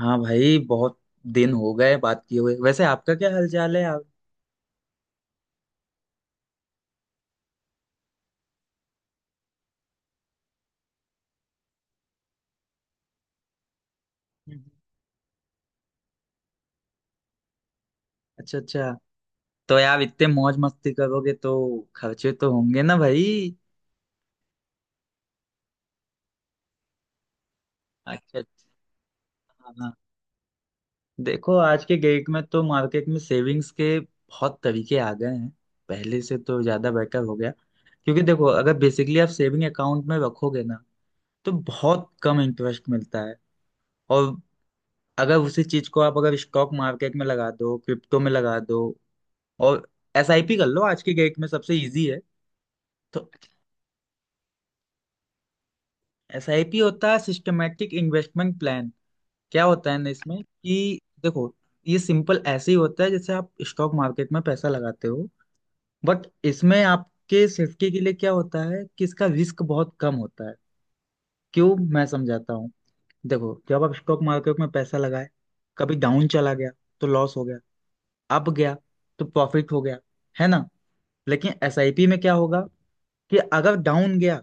हाँ भाई, बहुत दिन हो गए बात किए हुए। वैसे आपका क्या हालचाल है आप? हम्म। अच्छा, अच्छा। तो यार, इतने मौज मस्ती करोगे तो खर्चे तो होंगे ना भाई। अच्छा, अच्छा, हाँ। देखो, आज के डेट में तो मार्केट में सेविंग्स के बहुत तरीके आ गए हैं, पहले से तो ज्यादा बेटर हो गया। क्योंकि देखो, अगर बेसिकली आप सेविंग अकाउंट में रखोगे ना, तो बहुत कम इंटरेस्ट मिलता है। और अगर उसी चीज को आप अगर स्टॉक मार्केट में लगा दो, क्रिप्टो में लगा दो, और SIP कर लो, आज के डेट में सबसे इजी है। तो SIP होता है सिस्टमेटिक इन्वेस्टमेंट प्लान। क्या होता है ना इसमें कि देखो, ये सिंपल ऐसे ही होता है जैसे आप स्टॉक मार्केट में पैसा लगाते हो। बट इसमें आपके सेफ्टी के लिए क्या होता है कि इसका रिस्क बहुत कम होता है। क्यों, मैं समझाता हूँ। देखो, जब आप स्टॉक मार्केट में पैसा लगाए, कभी डाउन चला गया तो लॉस हो गया, अप गया तो प्रॉफिट हो गया, है ना। लेकिन SIP में क्या होगा कि अगर डाउन गया,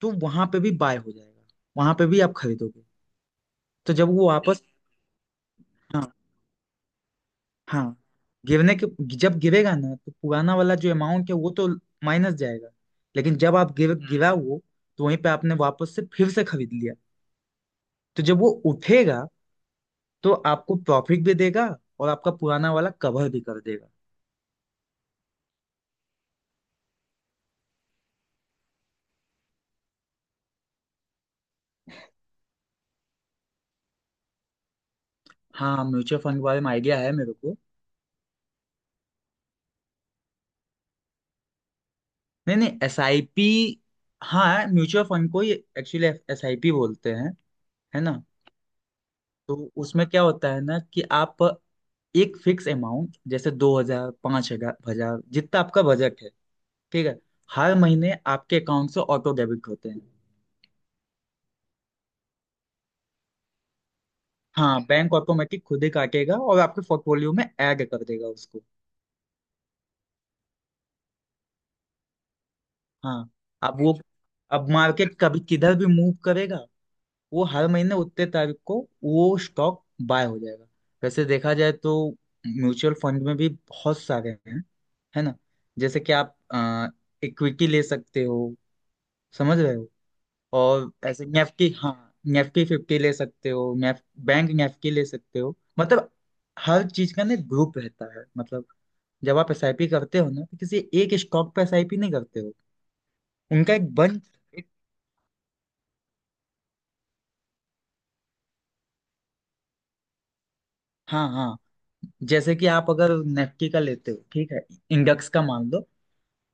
तो वहां पे भी बाय हो जाएगा, वहां पे भी आप खरीदोगे। तो जब वो वापस, हाँ, हाँ, गिरने के, जब गिरेगा ना तो पुराना वाला जो अमाउंट है वो तो माइनस जाएगा। लेकिन जब आप गिरा वो, तो वहीं पे आपने वापस से फिर से खरीद लिया, तो जब वो उठेगा तो आपको प्रॉफिट भी देगा, और आपका पुराना वाला कवर भी कर देगा। हाँ, म्यूचुअल फंड के बारे में आइडिया है मेरे को। नहीं नहीं, SIP, हाँ म्यूचुअल फंड को ही एक्चुअली SIP बोलते हैं, है ना। तो उसमें क्या होता है ना कि आप एक फिक्स अमाउंट, जैसे 2,000, 5,000, 1,000, जितना आपका बजट है, ठीक है, हर महीने आपके अकाउंट से ऑटो डेबिट होते हैं। हाँ बैंक ऑटोमेटिक खुद ही काटेगा और आपके पोर्टफोलियो में ऐड कर देगा उसको। हाँ। अब वो अब मार्केट कभी किधर भी मूव करेगा, वो हर महीने उतने तारीख को वो स्टॉक बाय हो जाएगा। वैसे देखा जाए तो म्यूचुअल फंड में भी बहुत सारे हैं, है ना। जैसे कि आप इक्विटी ले सकते हो, समझ रहे हो, और ऐसे नेफ्टी, हाँ Nifty 50 ले सकते हो, नेफ बैंक नेफ्टी ले सकते हो, मतलब हर चीज का ना ग्रुप रहता है। मतलब जब आप SIP करते हो ना तो किसी एक स्टॉक पे SIP नहीं करते हो, उनका एक बंच, एक, हाँ हाँ। जैसे कि आप अगर निफ्टी का लेते हो, ठीक है, इंडेक्स का मान लो,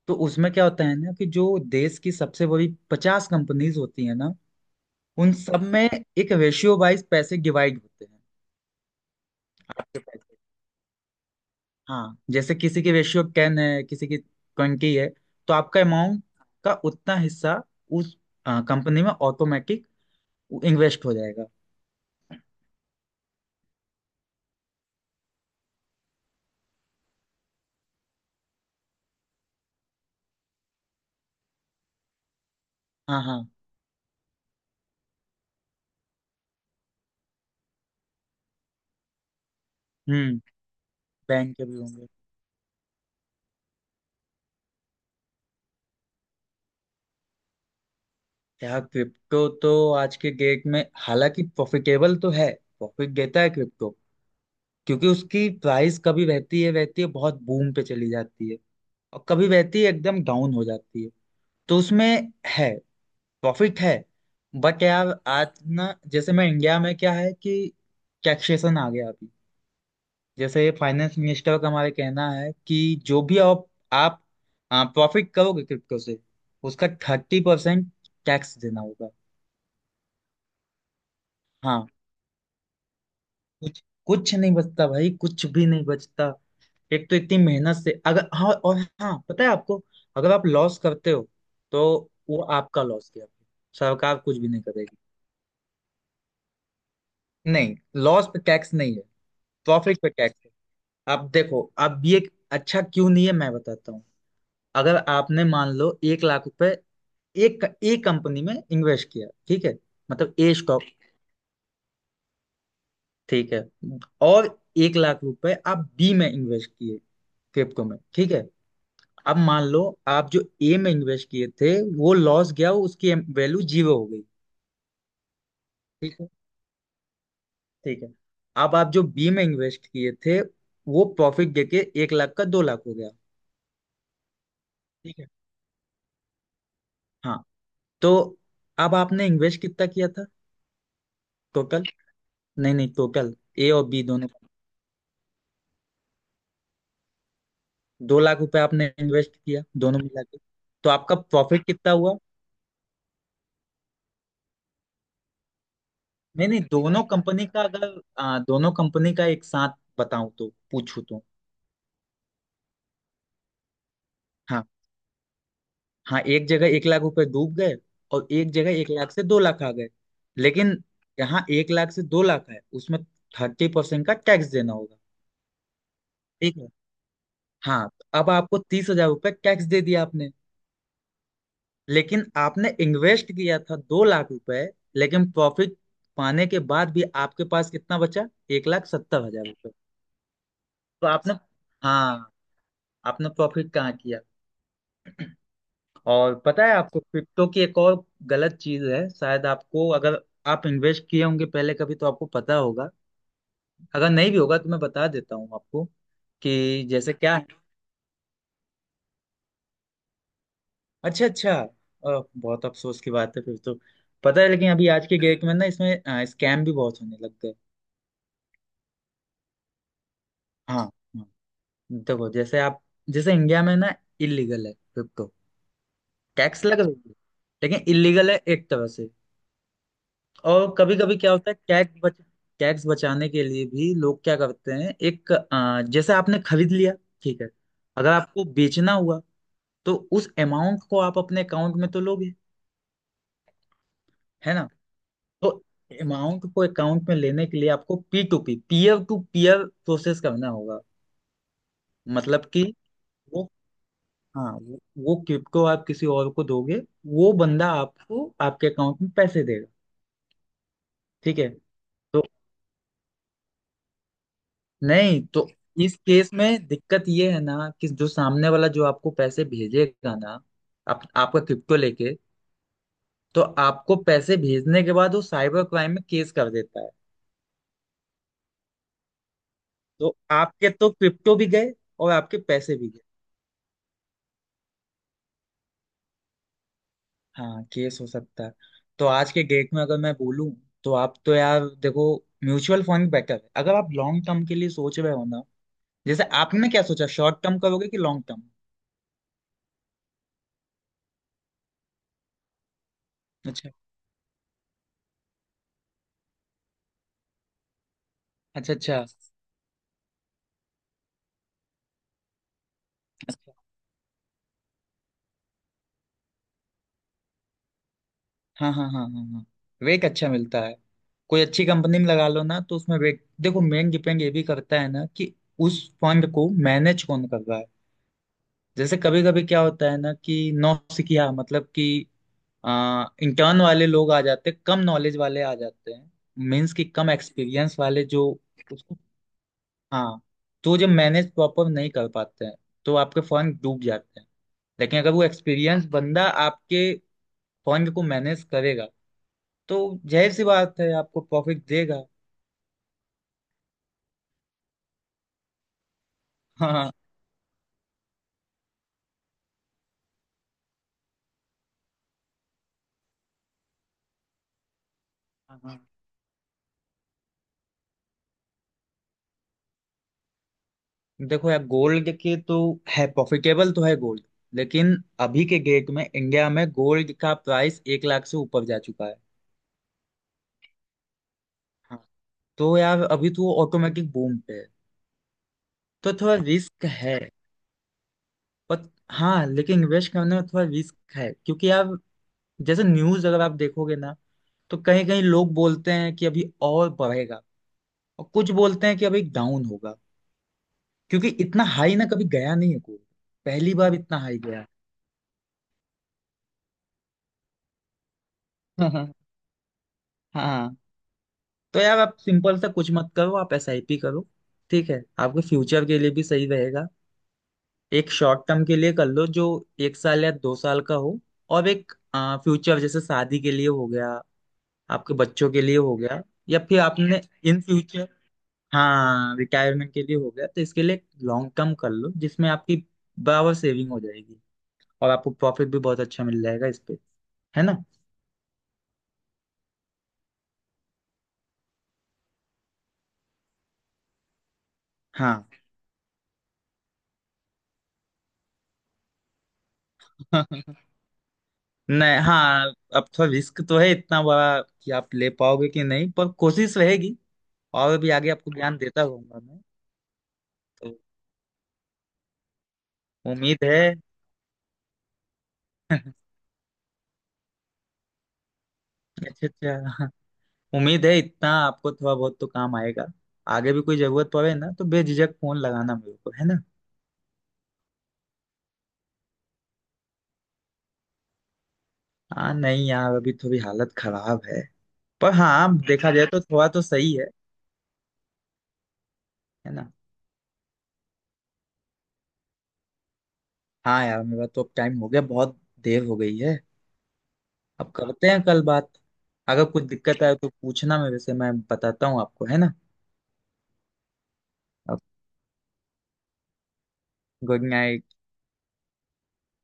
तो उसमें क्या होता है ना कि जो देश की सबसे बड़ी 50 कंपनीज होती है ना, उन सब में एक रेशियो वाइज पैसे डिवाइड होते हैं, आपके पैसे। हाँ जैसे किसी की रेशियो टेन है, किसी की ट्वेंटी है, तो आपका अमाउंट का उतना हिस्सा उस कंपनी में ऑटोमेटिक इन्वेस्ट हो जाएगा। हाँ, हाँ। हम्म। बैंक के भी होंगे। यार क्रिप्टो तो आज के डेट में हालांकि प्रॉफिटेबल तो है, प्रॉफिट देता है क्रिप्टो, क्योंकि उसकी प्राइस कभी रहती है बहुत बूम पे चली जाती है, और कभी रहती है एकदम डाउन हो जाती है। तो उसमें है, प्रॉफिट है। बट यार आज ना, जैसे मैं, इंडिया में क्या है कि टैक्सेशन आ गया अभी। जैसे फाइनेंस मिनिस्टर का हमारे कहना है कि जो भी आप प्रॉफिट करोगे क्रिप्टो से, उसका 30% टैक्स देना होगा। हाँ, कुछ कुछ नहीं बचता भाई, कुछ भी नहीं बचता। एक तो इतनी मेहनत से, अगर, हाँ, और हाँ पता है आपको, अगर आप लॉस करते हो, तो वो आपका लॉस गया, सरकार कुछ भी नहीं करेगी। नहीं, लॉस पे टैक्स नहीं है, प्रॉफिट पे टैक्स। अब देखो, अब ये, अच्छा क्यों नहीं है मैं बताता हूँ। अगर आपने मान लो 1 लाख रुपए, एक एक कंपनी में इन्वेस्ट किया, ठीक है, मतलब ए स्टॉक, ठीक है। और 1 लाख रुपए आप बी में इन्वेस्ट किए, क्रिप्टो में, ठीक है। अब मान लो आप जो ए में इन्वेस्ट किए थे वो लॉस गया, उसकी वैल्यू जीरो हो गई, ठीक है, ठीक है। अब आप जो बी में इन्वेस्ट किए थे, वो प्रॉफिट देके 1 लाख का 2 लाख हो गया, ठीक है, हाँ। तो अब आपने इन्वेस्ट कितना किया था टोटल? नहीं नहीं, टोटल ए और बी दोनों, 2 लाख रुपए आपने इन्वेस्ट किया दोनों मिला के। तो आपका प्रॉफिट कितना हुआ? नहीं नहीं, दोनों कंपनी का, अगर आ, दोनों कंपनी का एक साथ बताऊं तो, पूछूं तो। हाँ हाँ, एक जगह 1 लाख रुपए डूब गए, और एक जगह 1 लाख से 2 लाख आ गए। लेकिन यहाँ 1 लाख से 2 लाख है उसमें 30% का टैक्स देना होगा, ठीक है, हाँ। अब आपको 30,000 रुपये टैक्स दे दिया आपने, लेकिन आपने इन्वेस्ट किया था 2 लाख रुपए। लेकिन प्रॉफिट पाने के बाद भी आपके पास कितना बचा? 1,70,000 रुपये। तो आपने, हाँ, आपने प्रॉफिट कहाँ किया? और पता है आपको क्रिप्टो की एक और गलत चीज है, शायद आपको, अगर आप इन्वेस्ट किए होंगे पहले कभी तो आपको पता होगा, अगर नहीं भी होगा तो मैं बता देता हूँ आपको, कि जैसे क्या है। अच्छा अच्छा, बहुत अफसोस की बात है फिर तो। पता है लेकिन अभी आज के डेट में ना इसमें स्कैम भी बहुत होने लग गए। हाँ, हाँ। देखो जैसे आप, जैसे इंडिया में ना इलीगल है क्रिप्टो, टैक्स लग रही है लेकिन इलीगल है एक तरह से। और कभी कभी क्या होता है टैक्स बच, टैक्स बचाने के लिए भी लोग क्या करते हैं, जैसे आपने खरीद लिया, ठीक है, अगर आपको बेचना हुआ, तो उस अमाउंट को आप अपने अकाउंट में तो लोगे, है ना। तो अमाउंट को अकाउंट में लेने के लिए आपको P2P, peer to peer process करना होगा। मतलब कि वो, हाँ, वो क्रिप्टो आप किसी और को दोगे, वो बंदा आपको आपके अकाउंट में पैसे देगा, ठीक है। तो नहीं, तो इस केस में दिक्कत ये है ना कि जो सामने वाला, जो आपको पैसे भेजेगा ना, आप, आपका क्रिप्टो लेके, तो आपको पैसे भेजने के बाद वो साइबर क्राइम में केस कर देता है। तो आपके तो क्रिप्टो भी गए और आपके पैसे भी गए। हाँ केस हो सकता है। तो आज के डेट में अगर मैं बोलूं, तो आप तो यार देखो, म्यूचुअल फंड बेटर है अगर आप लॉन्ग टर्म के लिए सोच रहे हो ना। जैसे आपने क्या सोचा, शॉर्ट टर्म करोगे कि लॉन्ग टर्म? अच्छा, अच्छा, अच्छा, अच्छा। हाँ हाँ हाँ हाँ हाँ, वेक अच्छा मिलता है। कोई अच्छी कंपनी में लगा लो ना, तो उसमें वेक, देखो मेन डिपेंड ये भी करता है ना कि उस फंड को मैनेज कौन कर रहा है। जैसे कभी कभी क्या होता है ना कि नौसिखिया, मतलब कि, इंटर्न वाले लोग आ जाते हैं, कम नॉलेज वाले आ जाते हैं, मीन्स कि कम एक्सपीरियंस वाले, जो, हाँ। तो जब मैनेज प्रॉपर नहीं कर पाते हैं, तो आपके फंड डूब जाते हैं। लेकिन अगर वो एक्सपीरियंस बंदा आपके फंड को मैनेज करेगा, तो जाहिर सी बात है आपको प्रॉफिट देगा। हाँ, हाँ। देखो यार गोल्ड के तो, है, प्रॉफिटेबल तो है गोल्ड, लेकिन अभी के डेट में इंडिया में गोल्ड का प्राइस 1 लाख से ऊपर जा चुका है। हाँ। तो यार अभी तो वो ऑटोमेटिक बूम पे है, तो थोड़ा रिस्क है। पर हाँ, लेकिन इन्वेस्ट करने में थोड़ा रिस्क है क्योंकि यार जैसे न्यूज अगर आप देखोगे ना, तो कहीं कहीं लोग बोलते हैं कि अभी और बढ़ेगा, और कुछ बोलते हैं कि अभी डाउन होगा, क्योंकि इतना हाई ना कभी गया नहीं है कोई, पहली बार इतना हाई गया। हाँ। तो यार आप सिंपल सा कुछ मत करो, आप एसआईपी करो। ठीक है, आपके फ्यूचर के लिए भी सही रहेगा। एक शॉर्ट टर्म के लिए कर लो जो 1 साल या 2 साल का हो, और एक फ्यूचर, जैसे शादी के लिए हो गया, आपके बच्चों के लिए हो गया, या फिर आपने इन फ्यूचर, हाँ रिटायरमेंट के लिए हो गया, तो इसके लिए लॉन्ग टर्म कर लो, जिसमें आपकी बराबर सेविंग हो जाएगी, और आपको प्रॉफिट भी बहुत अच्छा मिल जाएगा इस पे, है ना। हाँ नहीं हाँ, अब थोड़ा रिस्क तो है इतना बड़ा, कि आप ले पाओगे कि नहीं, पर कोशिश रहेगी। और भी आगे आपको ज्ञान देता रहूंगा मैं। तो उम्मीद है अच्छा अच्छा, उम्मीद है इतना आपको थोड़ा बहुत तो काम आएगा। आगे भी कोई जरूरत पड़े ना तो बेझिझक फोन लगाना मेरे को, है ना। हाँ नहीं यार, अभी थोड़ी हालत खराब है। पर हाँ, देखा जाए तो थोड़ा तो सही है ना। हाँ यार मेरा तो अब टाइम हो गया, बहुत देर हो गई है। अब करते हैं कल बात। अगर कुछ दिक्कत आए तो पूछना मेरे से, मैं बताता हूँ आपको, है ना। अब गुड नाइट।